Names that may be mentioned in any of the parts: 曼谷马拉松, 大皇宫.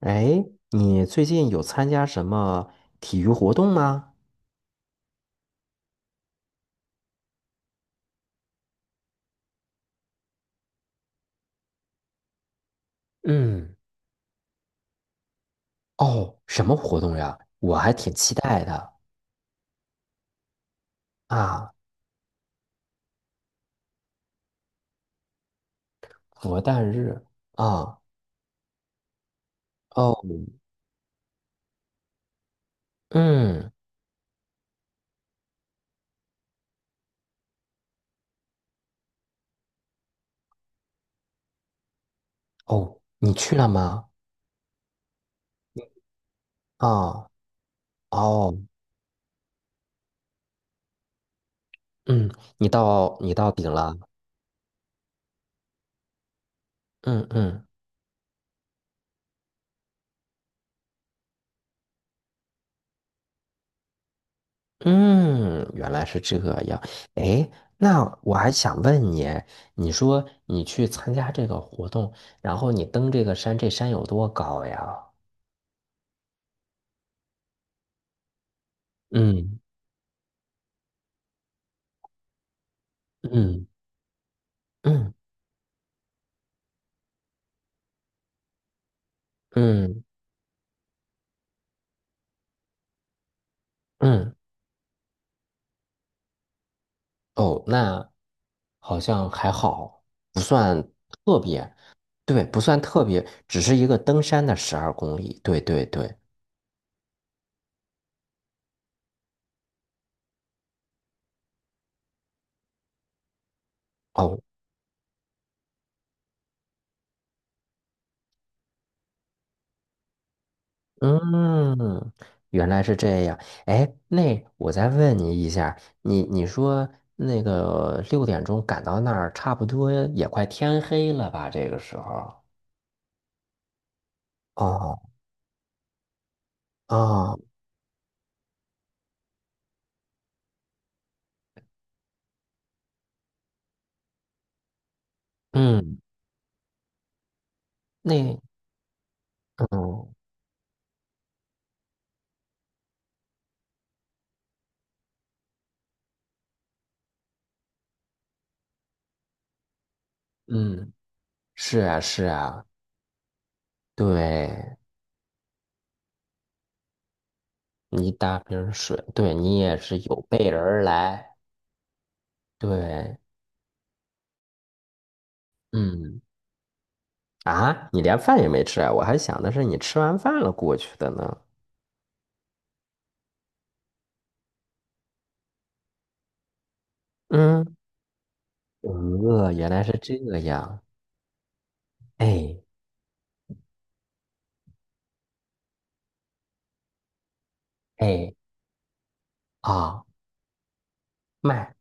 哎，你最近有参加什么体育活动吗？嗯，哦，什么活动呀？我还挺期待的啊，佛诞日啊，哦，嗯，哦，你去了吗？啊，哦，嗯，你到顶了，嗯嗯嗯，原来是这样。哎，那我还想问你，你说你去参加这个活动，然后你登这个山，这山有多高呀？嗯。嗯嗯嗯嗯，哦，那好像还好，不算特别，对，不算特别，只是一个登山的12公里，对对对，哦，嗯，原来是这样。哎，那我再问你一下，你说那个6点钟赶到那儿，差不多也快天黑了吧？这个时候，哦哦，嗯，那嗯嗯，是啊是啊。对，你打瓶水，对你也是有备而来。对，嗯，啊，你连饭也没吃啊？我还想的是你吃完饭了过去的呢。嗯，原来是这样。哎哎啊，卖，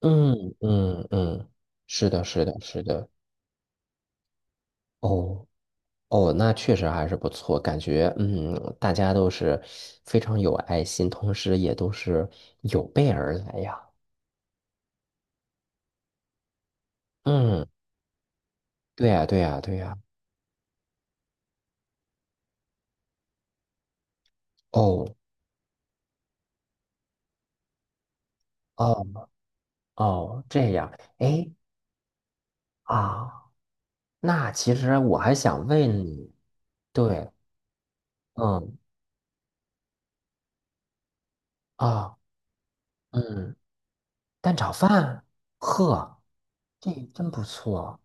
嗯嗯嗯，是的，是的，是的。哦哦，那确实还是不错，感觉嗯，大家都是非常有爱心，同时也都是有备而来呀。嗯，对呀，对呀，对呀。哦哦哦，这样，哎啊，那其实我还想问你，对，嗯啊嗯，蛋炒饭，呵，这真不错，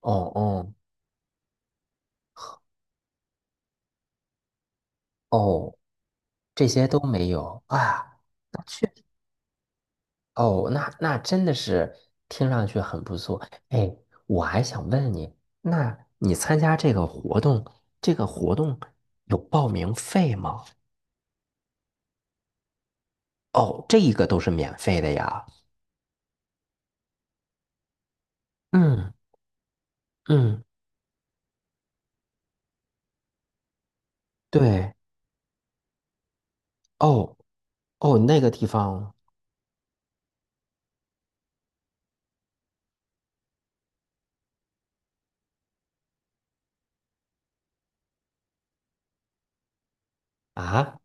哦哦哦，这些都没有啊，那确哦，那那真的是听上去很不错。哎，我还想问你，那你参加这个活动，这个活动有报名费吗？哦，这一个都是免费的呀，嗯。嗯，对，哦哦，那个地方啊，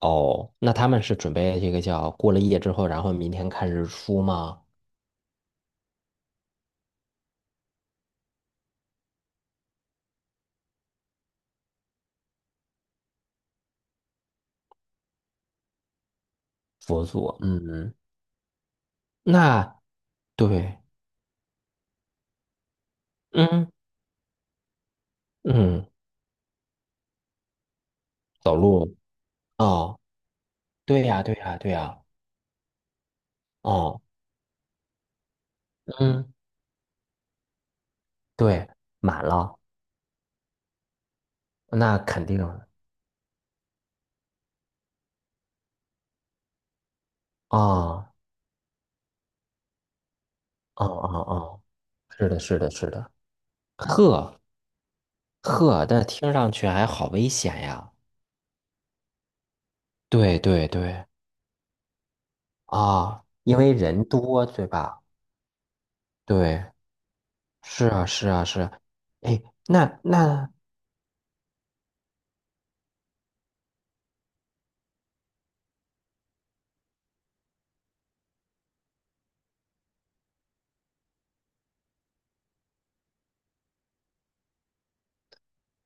哦，那他们是准备这个叫过了夜之后，然后明天看日出吗？佛祖，嗯，那对，嗯嗯，走路，哦，对呀对呀对呀，哦，嗯，对，满了，那肯定，哦哦哦哦，是的是的是的，呵呵，但听上去还好危险呀，对对对。啊，因为人多，对吧？对，是啊，是啊，是啊。哎，那，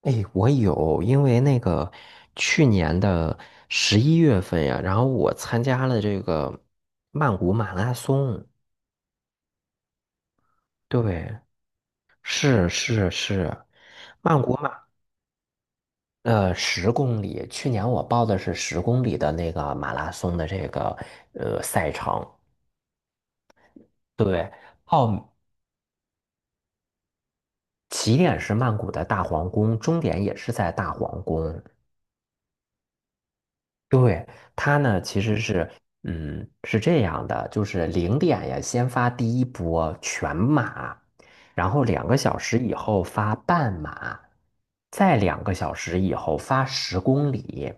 哎，我有，因为那个去年的11月份呀，然后我参加了这个曼谷马拉松。对，是是是，曼谷马，十公里。去年我报的是十公里的那个马拉松的这个赛程。对，报起点是曼谷的大皇宫，终点也是在大皇宫。对，它呢其实是，嗯，是这样的，就是0点呀，先发第一波全马，然后两个小时以后发半马，再两个小时以后发十公里。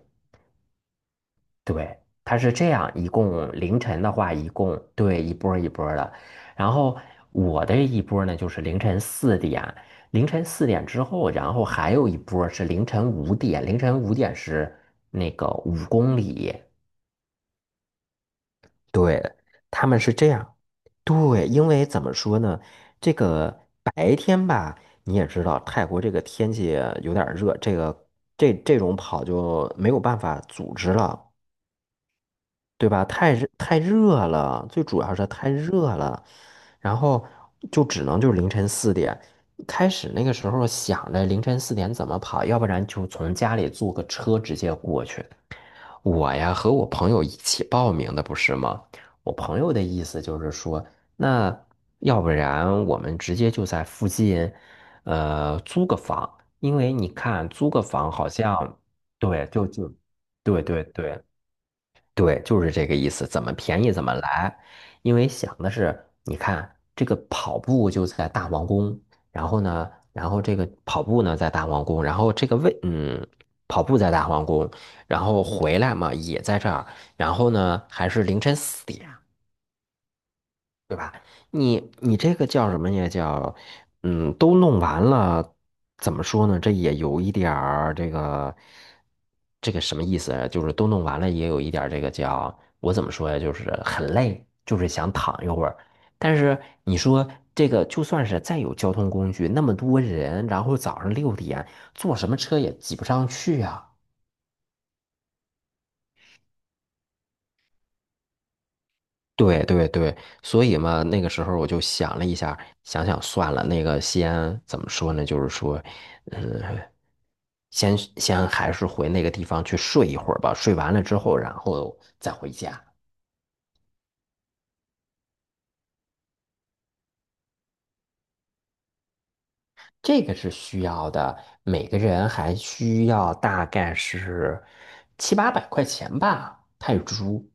对，它是这样，一共凌晨的话，一共对一波儿一波儿的。然后我的一波儿呢，就是凌晨四点，凌晨四点之后，然后还有一波儿是凌晨五点，凌晨五点是那个5公里。他们是这样，对，因为怎么说呢，这个白天吧，你也知道，泰国这个天气有点儿热，这个这种跑就没有办法组织了。对吧？太热太热了，最主要是太热了，然后就只能就是凌晨四点。开始那个时候想着凌晨四点怎么跑，要不然就从家里坐个车直接过去。我呀和我朋友一起报名的，不是吗？我朋友的意思就是说，那要不然我们直接就在附近，租个房，因为你看租个房好像，对，就，对对对。对，就是这个意思，怎么便宜怎么来。因为想的是，你看这个跑步就在大皇宫，然后呢，然后这个跑步呢在大皇宫，然后这个位，嗯，跑步在大皇宫，然后回来嘛也在这儿，然后呢还是凌晨四点，对吧？你这个叫什么呀？叫嗯，都弄完了，怎么说呢？这也有一点儿这个这个什么意思啊就是都弄完了，也有一点儿这个叫我怎么说呀？就是很累，就是想躺一会儿。但是你说这个，就算是再有交通工具，那么多人，然后早上6点坐什么车也挤不上去呀、对对对，所以嘛，那个时候我就想了一下，想想算了，那个先怎么说呢？就是说，嗯，先还是回那个地方去睡一会儿吧，睡完了之后，然后再回家，这个是需要的，每个人还需要大概是七八百块钱吧，泰铢。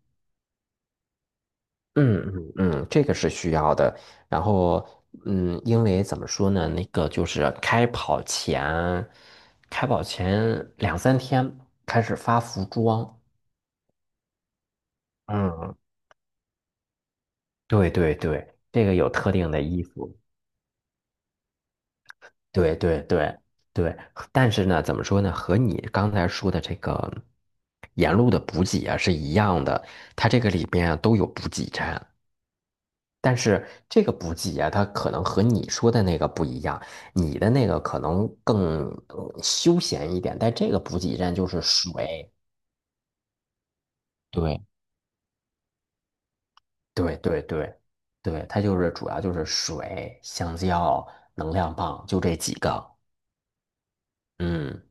嗯嗯嗯，这个是需要的。然后，嗯，因为怎么说呢，那个就是开跑前，开跑前两三天开始发服装。嗯，对对对，这个有特定的衣服。对对对对，但是呢，怎么说呢，和你刚才说的这个沿路的补给啊是一样的，它这个里边啊都有补给站。但是这个补给啊，它可能和你说的那个不一样，你的那个可能更休闲一点，但这个补给站就是水，对，对对对对，它就是主要就是水、香蕉、能量棒，就这几个。嗯，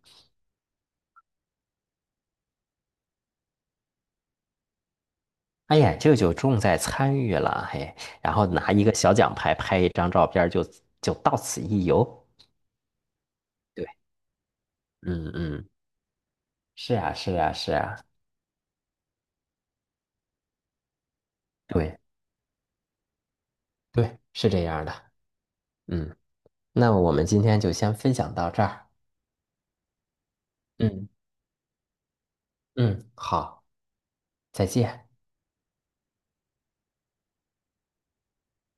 哎呀，这就重在参与了，嘿，然后拿一个小奖牌拍一张照片儿就，就到此一游。对，嗯嗯，是啊是啊是啊，对对，是这样的。嗯。那我们今天就先分享到这儿。嗯嗯，好，再见。